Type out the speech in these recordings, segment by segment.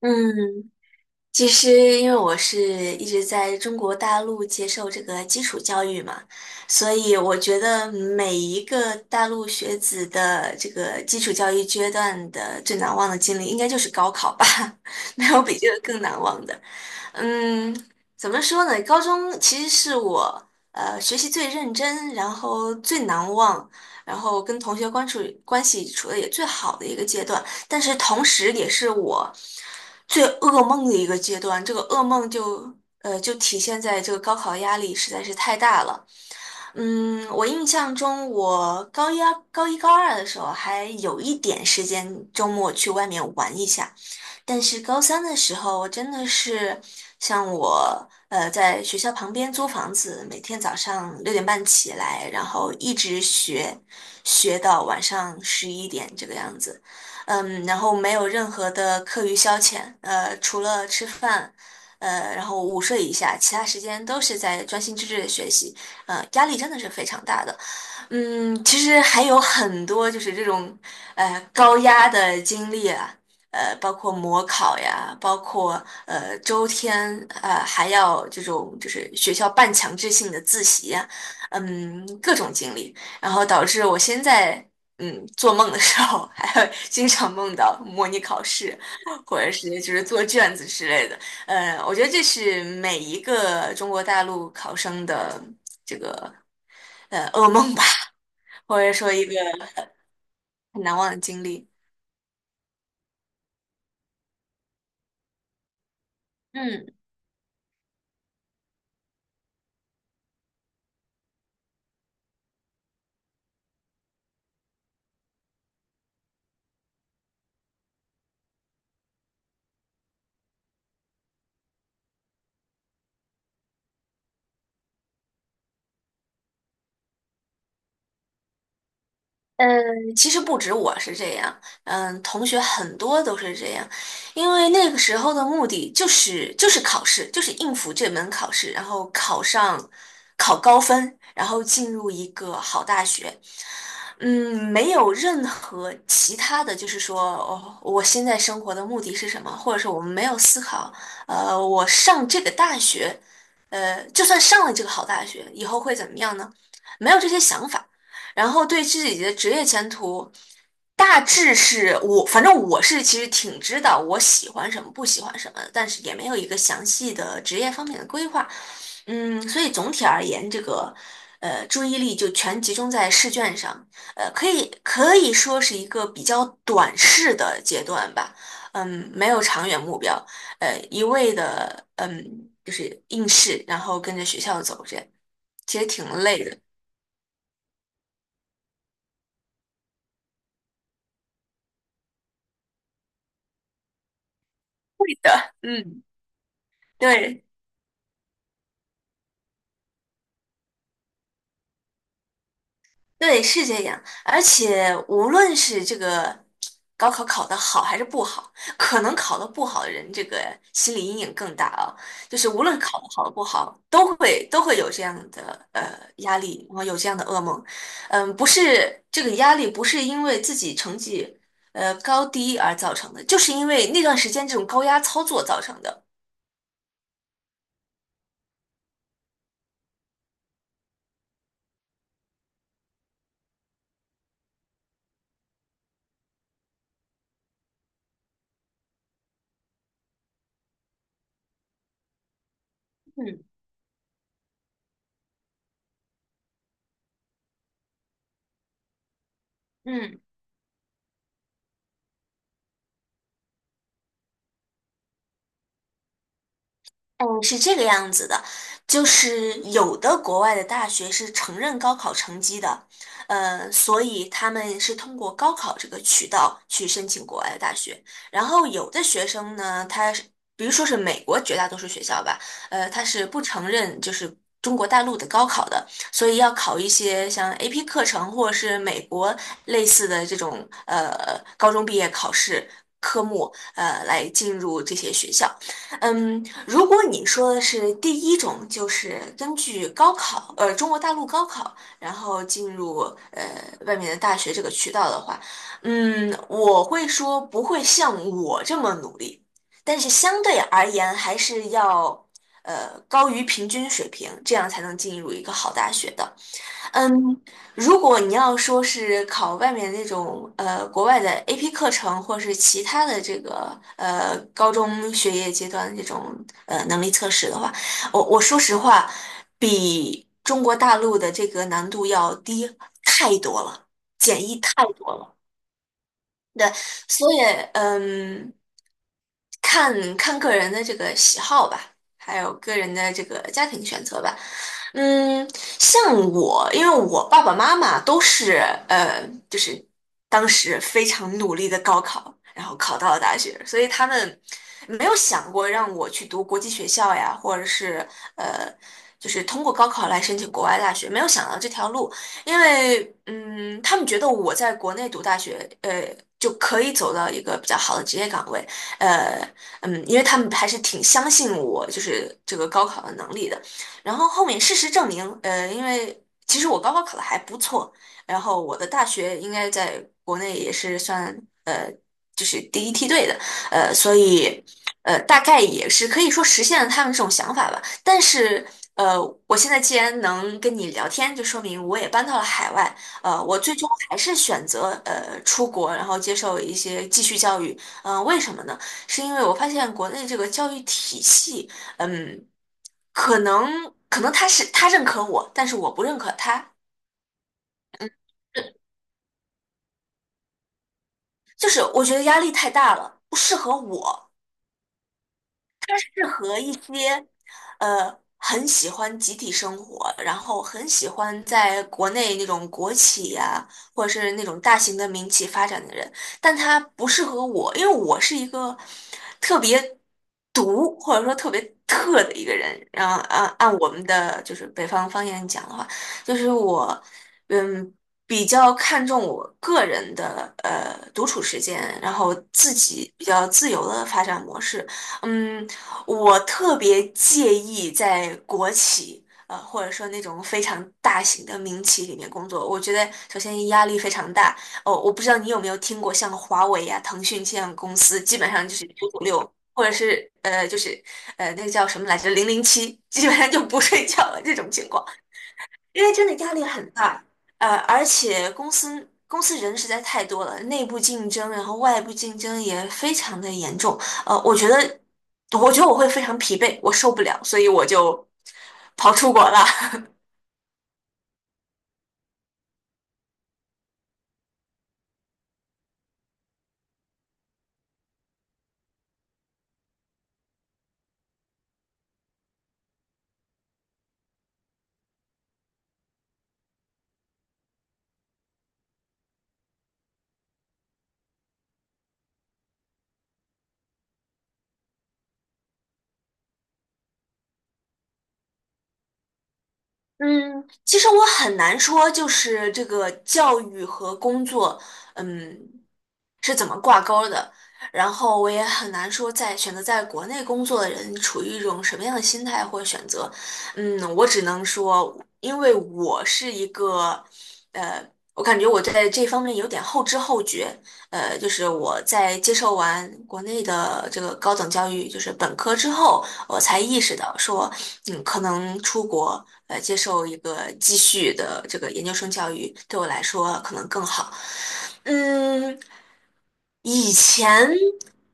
嗯，其实因为我是一直在中国大陆接受这个基础教育嘛，所以我觉得每一个大陆学子的这个基础教育阶段的最难忘的经历，应该就是高考吧，没有比这个更难忘的。嗯，怎么说呢？高中其实是我学习最认真，然后最难忘，然后跟同学关处关系处的也最好的一个阶段，但是同时也是我最噩梦的一个阶段。这个噩梦就就体现在这个高考压力实在是太大了。嗯，我印象中我高一、高二的时候还有一点时间周末去外面玩一下。但是高三的时候，我真的是像我在学校旁边租房子，每天早上六点半起来，然后一直学，学到晚上十一点这个样子。嗯，然后没有任何的课余消遣，除了吃饭，然后午睡一下，其他时间都是在专心致志的学习，压力真的是非常大的。嗯，其实还有很多就是这种高压的经历啊，包括模考呀，包括周天，还要这种就是学校半强制性的自习呀，嗯，各种经历，然后导致我现在做梦的时候还会经常梦到模拟考试，或者是就是做卷子之类的，我觉得这是每一个中国大陆考生的噩梦吧。或者说一个很难忘的经历。嗯，嗯，其实不止我是这样，嗯，同学很多都是这样，因为那个时候的目的就是考试，就是应付这门考试，然后考上，考高分，然后进入一个好大学。嗯，没有任何其他的就是说，哦，我现在生活的目的是什么，或者是我们没有思考，我上这个大学，就算上了这个好大学，以后会怎么样呢？没有这些想法。然后对自己的职业前途，大致是我，反正我是其实挺知道我喜欢什么，不喜欢什么的，但是也没有一个详细的职业方面的规划。嗯，所以总体而言，这个注意力就全集中在试卷上，可以说是一个比较短视的阶段吧。嗯，没有长远目标，一味的就是应试，然后跟着学校走这样，其实挺累的。会的，嗯。对对，是这样。而且无论是这个高考考得好还是不好，可能考得不好的人，这个心理阴影更大啊。就是无论考得好不好，都会有这样的压力，然后有这样的噩梦。嗯，不是这个压力不是因为自己成绩高低而造成的，就是因为那段时间这种高压操作造成的。嗯嗯。嗯，是这个样子的，就是有的国外的大学是承认高考成绩的，所以他们是通过高考这个渠道去申请国外的大学。然后有的学生呢，他是，比如说是美国绝大多数学校吧，他是不承认就是中国大陆的高考的，所以要考一些像 AP 课程或者是美国类似的这种高中毕业考试科目，来进入这些学校。嗯，如果你说的是第一种，就是根据高考，中国大陆高考，然后进入呃外面的大学这个渠道的话，嗯，我会说不会像我这么努力，但是相对而言还是要高于平均水平，这样才能进入一个好大学的。嗯，如果你要说是考外面那种国外的 AP 课程，或是其他的这个高中学业阶段的这种能力测试的话，我说实话，比中国大陆的这个难度要低太多了。对，所以嗯，看看个人的这个喜好吧，还有个人的这个家庭选择吧。嗯，像我，因为我爸爸妈妈都是就是当时非常努力的高考，然后考到了大学，所以他们没有想过让我去读国际学校呀，或者是呃，就是通过高考来申请国外大学，没有想到这条路。因为嗯，他们觉得我在国内读大学，就可以走到一个比较好的职业岗位，呃，嗯，因为他们还是挺相信我，就是这个高考的能力的。然后后面事实证明，因为其实我高考考的还不错，然后我的大学应该在国内也是算呃，就是第一梯队的，所以大概也是可以说实现了他们这种想法吧。但是，呃，我现在既然能跟你聊天，就说明我也搬到了海外。我最终还是选择出国，然后接受一些继续教育。嗯、为什么呢？是因为我发现国内这个教育体系，嗯，可能他是他认可我，但是我不认可他，就是我觉得压力太大了，不适合我。适合一些很喜欢集体生活，然后很喜欢在国内那种国企呀、或者是那种大型的民企发展的人，但他不适合我，因为我是一个特别独或者说特别特的一个人。然后按我们的就是北方方言讲的话，就是我嗯。比较看重我个人的独处时间，然后自己比较自由的发展模式，嗯，我特别介意在国企，或者说那种非常大型的民企里面工作。我觉得首先压力非常大。哦，我不知道你有没有听过像华为呀、腾讯这样的公司，基本上就是九九六，或者是就是那个叫什么来着，零零七，基本上就不睡觉了这种情况。因为真的压力很大，而且公司人实在太多了，内部竞争，然后外部竞争也非常的严重，我觉得，我觉得我会非常疲惫，我受不了，所以我就跑出国了。嗯，其实我很难说，就是这个教育和工作，嗯，是怎么挂钩儿的。然后我也很难说在，选择在国内工作的人处于一种什么样的心态或选择。嗯，我只能说，因为我是一个，呃，我感觉我在这方面有点后知后觉。就是我在接受完国内的这个高等教育，就是本科之后。我才意识到说，嗯，可能出国接受一个继续的这个研究生教育对我来说可能更好。嗯，以前，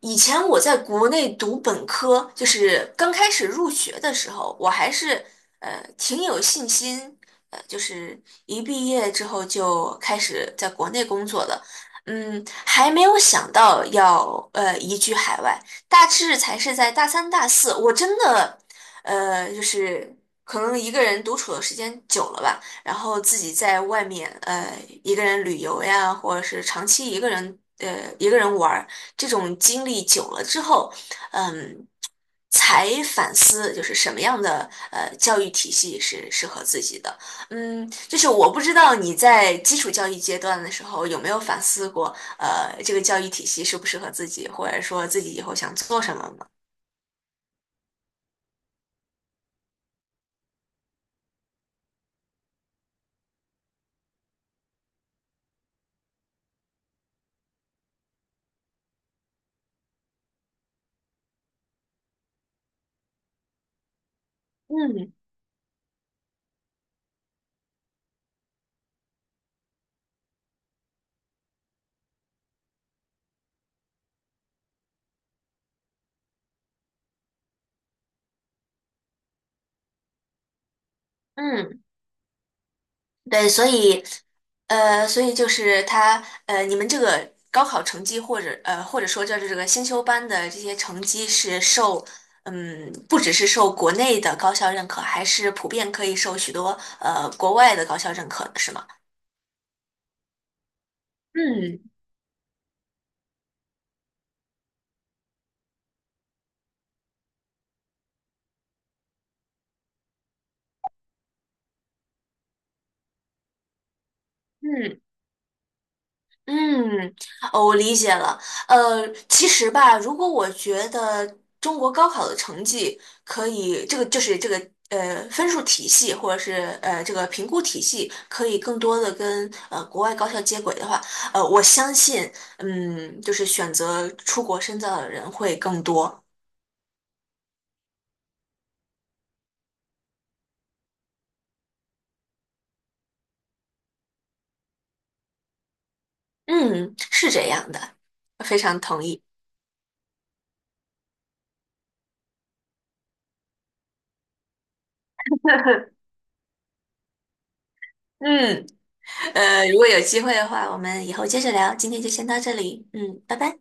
以前我在国内读本科，就是刚开始入学的时候，我还是挺有信心，就是一毕业之后就开始在国内工作的，嗯，还没有想到要移居海外，大致才是在大三大四，我真的就是可能一个人独处的时间久了吧。然后自己在外面一个人旅游呀，或者是长期一个人玩儿，这种经历久了之后，嗯，才反思就是什么样的教育体系是适合自己的。嗯，就是我不知道你在基础教育阶段的时候有没有反思过，这个教育体系适不适合自己，或者说自己以后想做什么吗？嗯嗯。对，所以，所以就是他，你们这个高考成绩或者或者说就是这个先修班的这些成绩是受，嗯，不只是受国内的高校认可，还是普遍可以受许多国外的高校认可的，是吗？嗯嗯，嗯，哦，我理解了。其实吧，如果我觉得中国高考的成绩可以，这个就是这个分数体系或者是这个评估体系可以更多的跟国外高校接轨的话，我相信，嗯，就是选择出国深造的人会更多。嗯，是这样的，非常同意。嗯，如果有机会的话，我们以后接着聊。今天就先到这里。嗯，拜拜。